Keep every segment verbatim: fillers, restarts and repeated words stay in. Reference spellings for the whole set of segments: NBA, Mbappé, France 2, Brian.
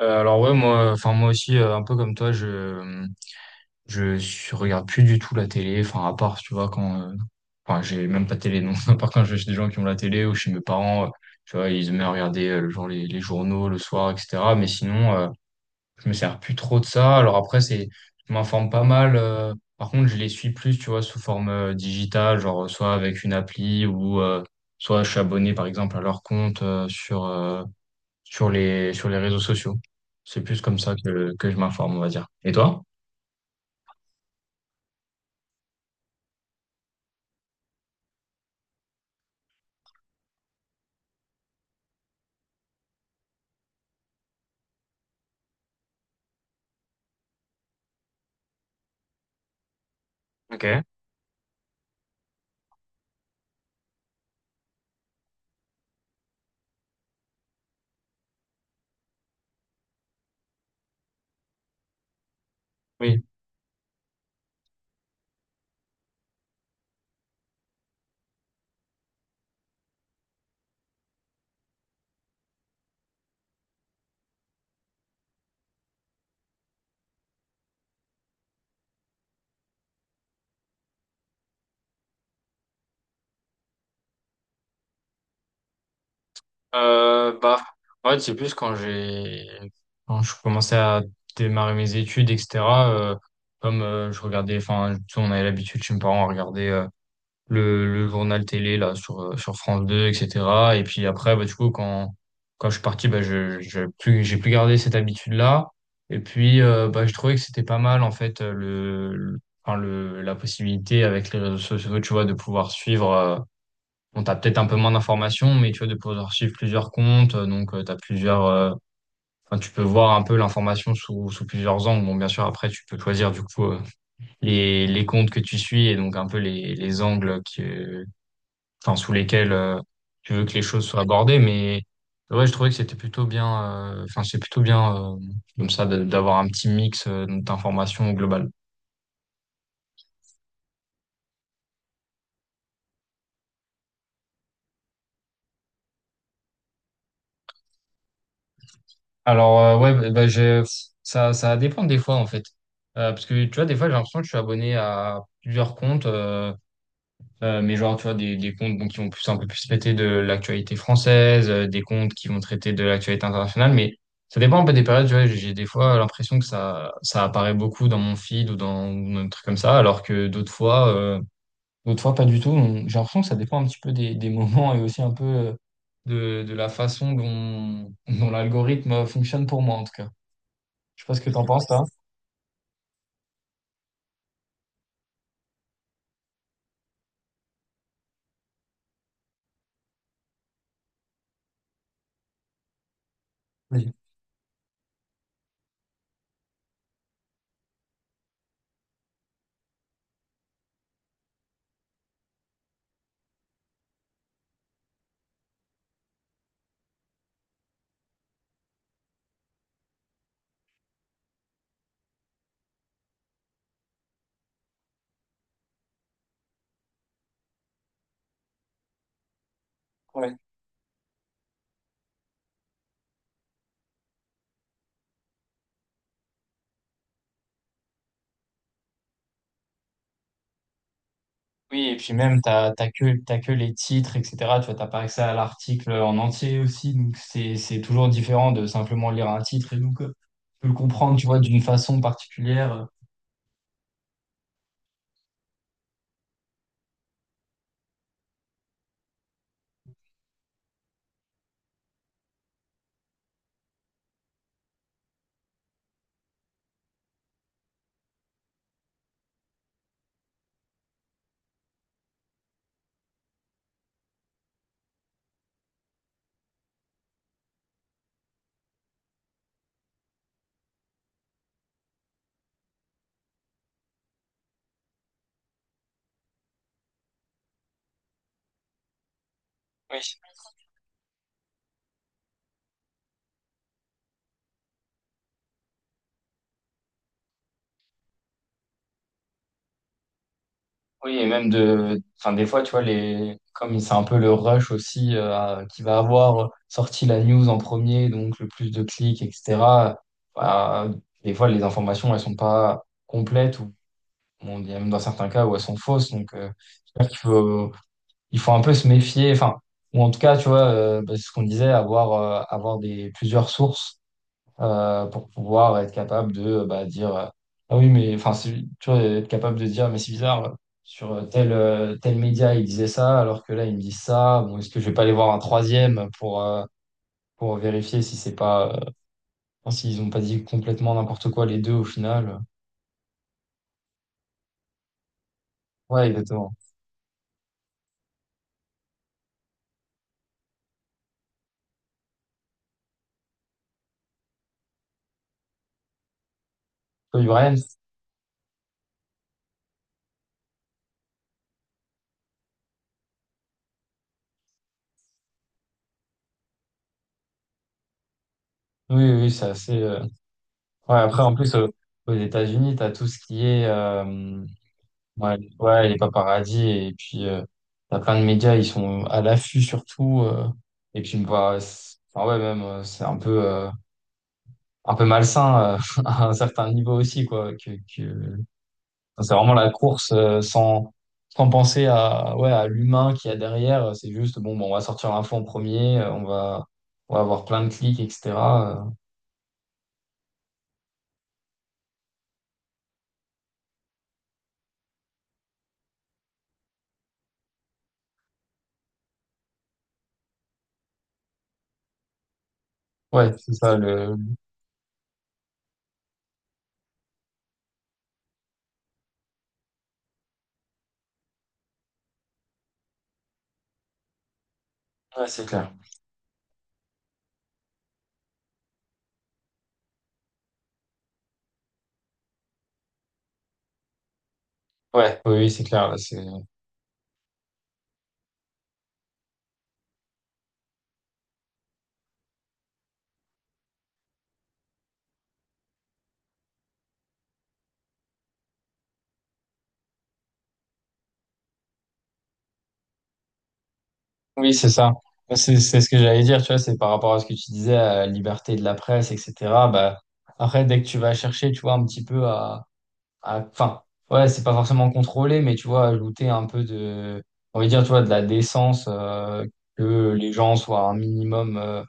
Euh, alors ouais moi enfin moi aussi euh, un peu comme toi je je suis- regarde plus du tout la télé, enfin à part tu vois quand euh, enfin j'ai même pas de télé, non. À part quand je vais chez des gens qui ont la télé ou chez mes parents, euh, tu vois, ils aimaient regarder euh, le jour les, les journaux le soir, etc. Mais sinon, euh, je me sers plus trop de ça. Alors après, c'est je m'informe pas mal. Euh, par contre, je les suis plus, tu vois, sous forme euh, digitale, genre euh, soit avec une appli ou euh, soit je suis abonné par exemple à leur compte euh, sur euh, sur les, sur les réseaux sociaux. C'est plus comme ça que, que je m'informe, on va dire. Et toi? Ok, oui. Euh, bah, En fait, c'est plus quand j'ai, quand je commençais à démarrer mes études, et cetera euh, Comme euh, je regardais, enfin, tu sais, on avait l'habitude chez mes parents à regarder le, le journal télé là sur euh, sur France deux, et cetera Et puis après, bah, du coup, quand quand je suis parti, bah je j'ai plus j'ai plus gardé cette habitude là et puis euh, bah, je trouvais que c'était pas mal en fait, euh, le, le- enfin le la possibilité avec les réseaux sociaux, tu vois, de pouvoir suivre, euh, bon, t'as peut-être un peu moins d'informations, mais tu vois, de pouvoir suivre plusieurs comptes, euh, donc euh, t'as plusieurs euh, Enfin, tu peux voir un peu l'information sous, sous plusieurs angles. Bon, bien sûr, après tu peux choisir du coup euh, les, les comptes que tu suis, et donc un peu les, les angles que, enfin sous lesquels euh, tu veux que les choses soient abordées. Mais ouais, je trouvais que c'était plutôt bien, euh, enfin c'est plutôt bien euh, comme ça de- d'avoir un petit mix euh, d'informations globales. Alors euh, ouais, bah, bah, j'ai- Ça, ça va dépendre des fois en fait. Euh, parce que tu vois, des fois, j'ai l'impression que je suis abonné à plusieurs comptes. Euh, Euh, mais genre, tu vois, des, des comptes, bon, qui vont plus, un peu plus traiter de l'actualité française, euh, des comptes qui vont traiter de l'actualité internationale. Mais ça dépend un peu des périodes, tu vois, j'ai j'ai des fois l'impression que ça, ça apparaît beaucoup dans mon feed ou dans, ou dans des trucs comme ça, alors que d'autres fois, euh, d'autres fois pas du tout. Donc j'ai l'impression que ça dépend un petit peu des, des moments et aussi un peu euh, de, de la façon dont, dont l'algorithme fonctionne, pour moi en tout cas. Je sais pas ce que t'en penses, toi. Oui. Oui, et puis même, t'as, t'as que, t'as que les titres, et cetera. Tu vois, t'as pas accès à l'article en entier aussi, donc c'est, c'est toujours différent de simplement lire un titre, et donc euh, tu peux le comprendre, tu vois, d'une façon particulière. Oui. Oui, et même de, enfin, des fois, tu vois, les, comme c'est un peu le rush aussi, euh, à- qui va avoir sorti la news en premier, donc le plus de clics, et cetera Bah, des fois les informations, elles sont pas complètes, ou bon, il y a même dans certains cas où elles sont fausses. Donc, euh, j'espère qu'il faut il faut un peu se méfier, enfin, ou en tout cas, tu vois, euh, bah, c'est ce qu'on disait, avoir, euh, avoir des, plusieurs sources euh, pour pouvoir être capable de, euh, bah, dire, euh, ah oui, mais enfin, c'est- tu vois, être capable de dire, mais c'est bizarre, euh, sur euh, tel, euh, tel média ils disaient ça, alors que là ils me disent ça. Bon, est-ce que je vais pas aller voir un troisième pour, euh, pour vérifier si c'est pas, euh, enfin, s'ils ont pas dit complètement n'importe quoi les deux au final. Ouais, exactement. Oui, Brian, oui, oui, c'est assez. euh, Ouais, après, en plus, euh, aux États-Unis, tu as tout ce qui est. euh, Ouais, les- ouais, les paparazzis, et puis euh, t'as plein de médias, ils sont à l'affût surtout. Euh, et puis bah, c'est- enfin ouais, même euh, c'est un peu euh, un peu malsain euh, à un certain niveau aussi quoi. Que, que... enfin, c'est vraiment la course, euh, sans sans penser à, ouais, à l'humain qu'il y a derrière. C'est juste bon, bon, on va sortir l'info en premier, euh, on va on va avoir plein de clics, et cetera euh. Ouais, c'est ça. Le, ouais, c'est clair. Ouais, oui oui, c'est clair là, c'est, oui c'est ça. Bah, C'est c'est ce que j'allais dire, tu vois, c'est par rapport à ce que tu disais, à la liberté de la presse, et cetera. Bah, après, dès que tu vas chercher, tu vois, un petit peu à, à, enfin, ouais, c'est pas forcément contrôlé, mais tu vois, ajouter un peu de, on va dire, tu vois, de la décence, euh, que les gens soient un minimum, euh,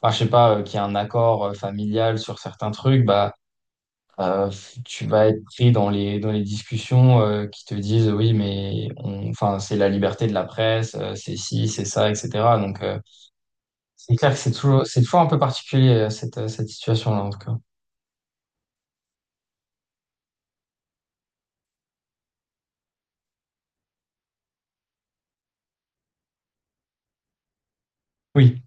enfin, je sais pas, euh, qu'il y ait un accord euh, familial sur certains trucs, bah, euh, tu vas être pris dans les, dans les discussions euh, qui te disent oui, mais on, enfin, c'est la liberté de la presse, euh, c'est ci, c'est ça, et cetera. Donc, euh, c'est clair que c'est toujours, c'est toujours un peu particulier, euh, cette, euh, cette situation-là, en tout cas. Oui,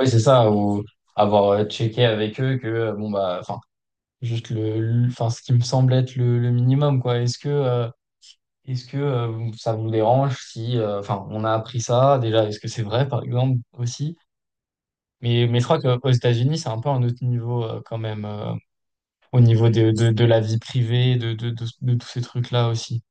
oui, c'est ça. Ou avoir euh, checké avec eux que, euh, bon, bah, enfin, juste le, le- enfin, ce qui me semble être le, le minimum, quoi. Est-ce que, euh, est-ce que euh, ça vous dérange si, euh, enfin, on a appris ça déjà, est-ce que c'est vrai, par exemple, aussi? Mais, mais je crois qu'aux États-Unis, c'est un peu un autre niveau euh, quand même, euh, au niveau de, de, de la vie privée, de, de, de, de tous ces trucs-là aussi.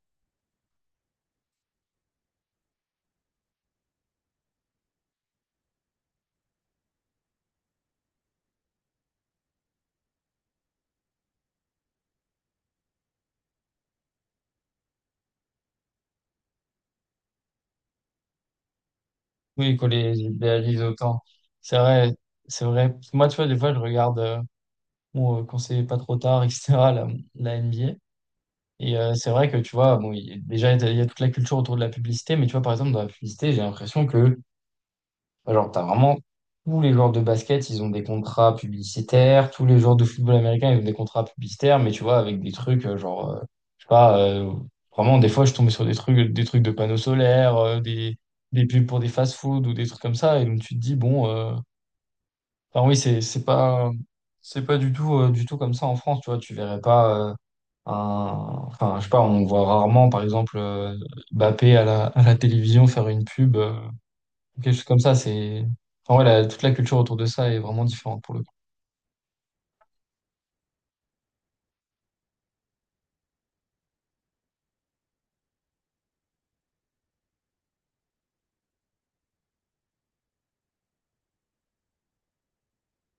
Oui, qu'on les idéalise autant. C'est vrai, c'est vrai. Moi, tu vois, des fois, je regarde euh, bon, euh, quand c'est pas trop tard, et cetera, la, la N B A. Et euh, c'est vrai que, tu vois, bon, il y a- déjà, il y a toute la culture autour de la publicité. Mais tu vois, par exemple, dans la publicité, j'ai l'impression que, genre, t'as vraiment tous les joueurs de basket, ils ont des contrats publicitaires, tous les joueurs de football américain, ils ont des contrats publicitaires. Mais tu vois, avec des trucs, euh, genre, euh, je sais pas, euh, vraiment, des fois, je tombais sur des trucs, des trucs de panneaux solaires, euh, des, des pubs pour des fast-food ou des trucs comme ça. Et donc tu te dis, bon, euh, enfin oui, c'est, c'est pas, c'est pas du tout, euh, du tout comme ça en France. Tu vois, tu verrais pas, euh, un, enfin, je sais pas, on voit rarement, par exemple, euh, Mbappé à la, à la télévision faire une pub, euh, quelque chose comme ça. C'est, enfin, ouais, la- toute la culture autour de ça est vraiment différente pour le coup.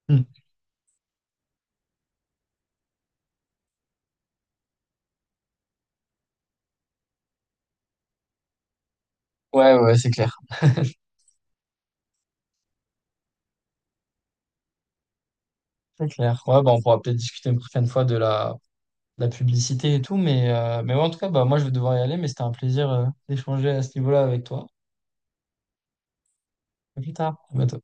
Hmm. Ouais, ouais, c'est clair. C'est clair. Ouais, bah, on pourra peut-être discuter une prochaine fois de la, de la publicité et tout. Mais, euh, mais ouais, en tout cas, bah, moi, je vais devoir y aller. Mais c'était un plaisir, euh, d'échanger à ce niveau-là avec toi. À plus tard. À bientôt.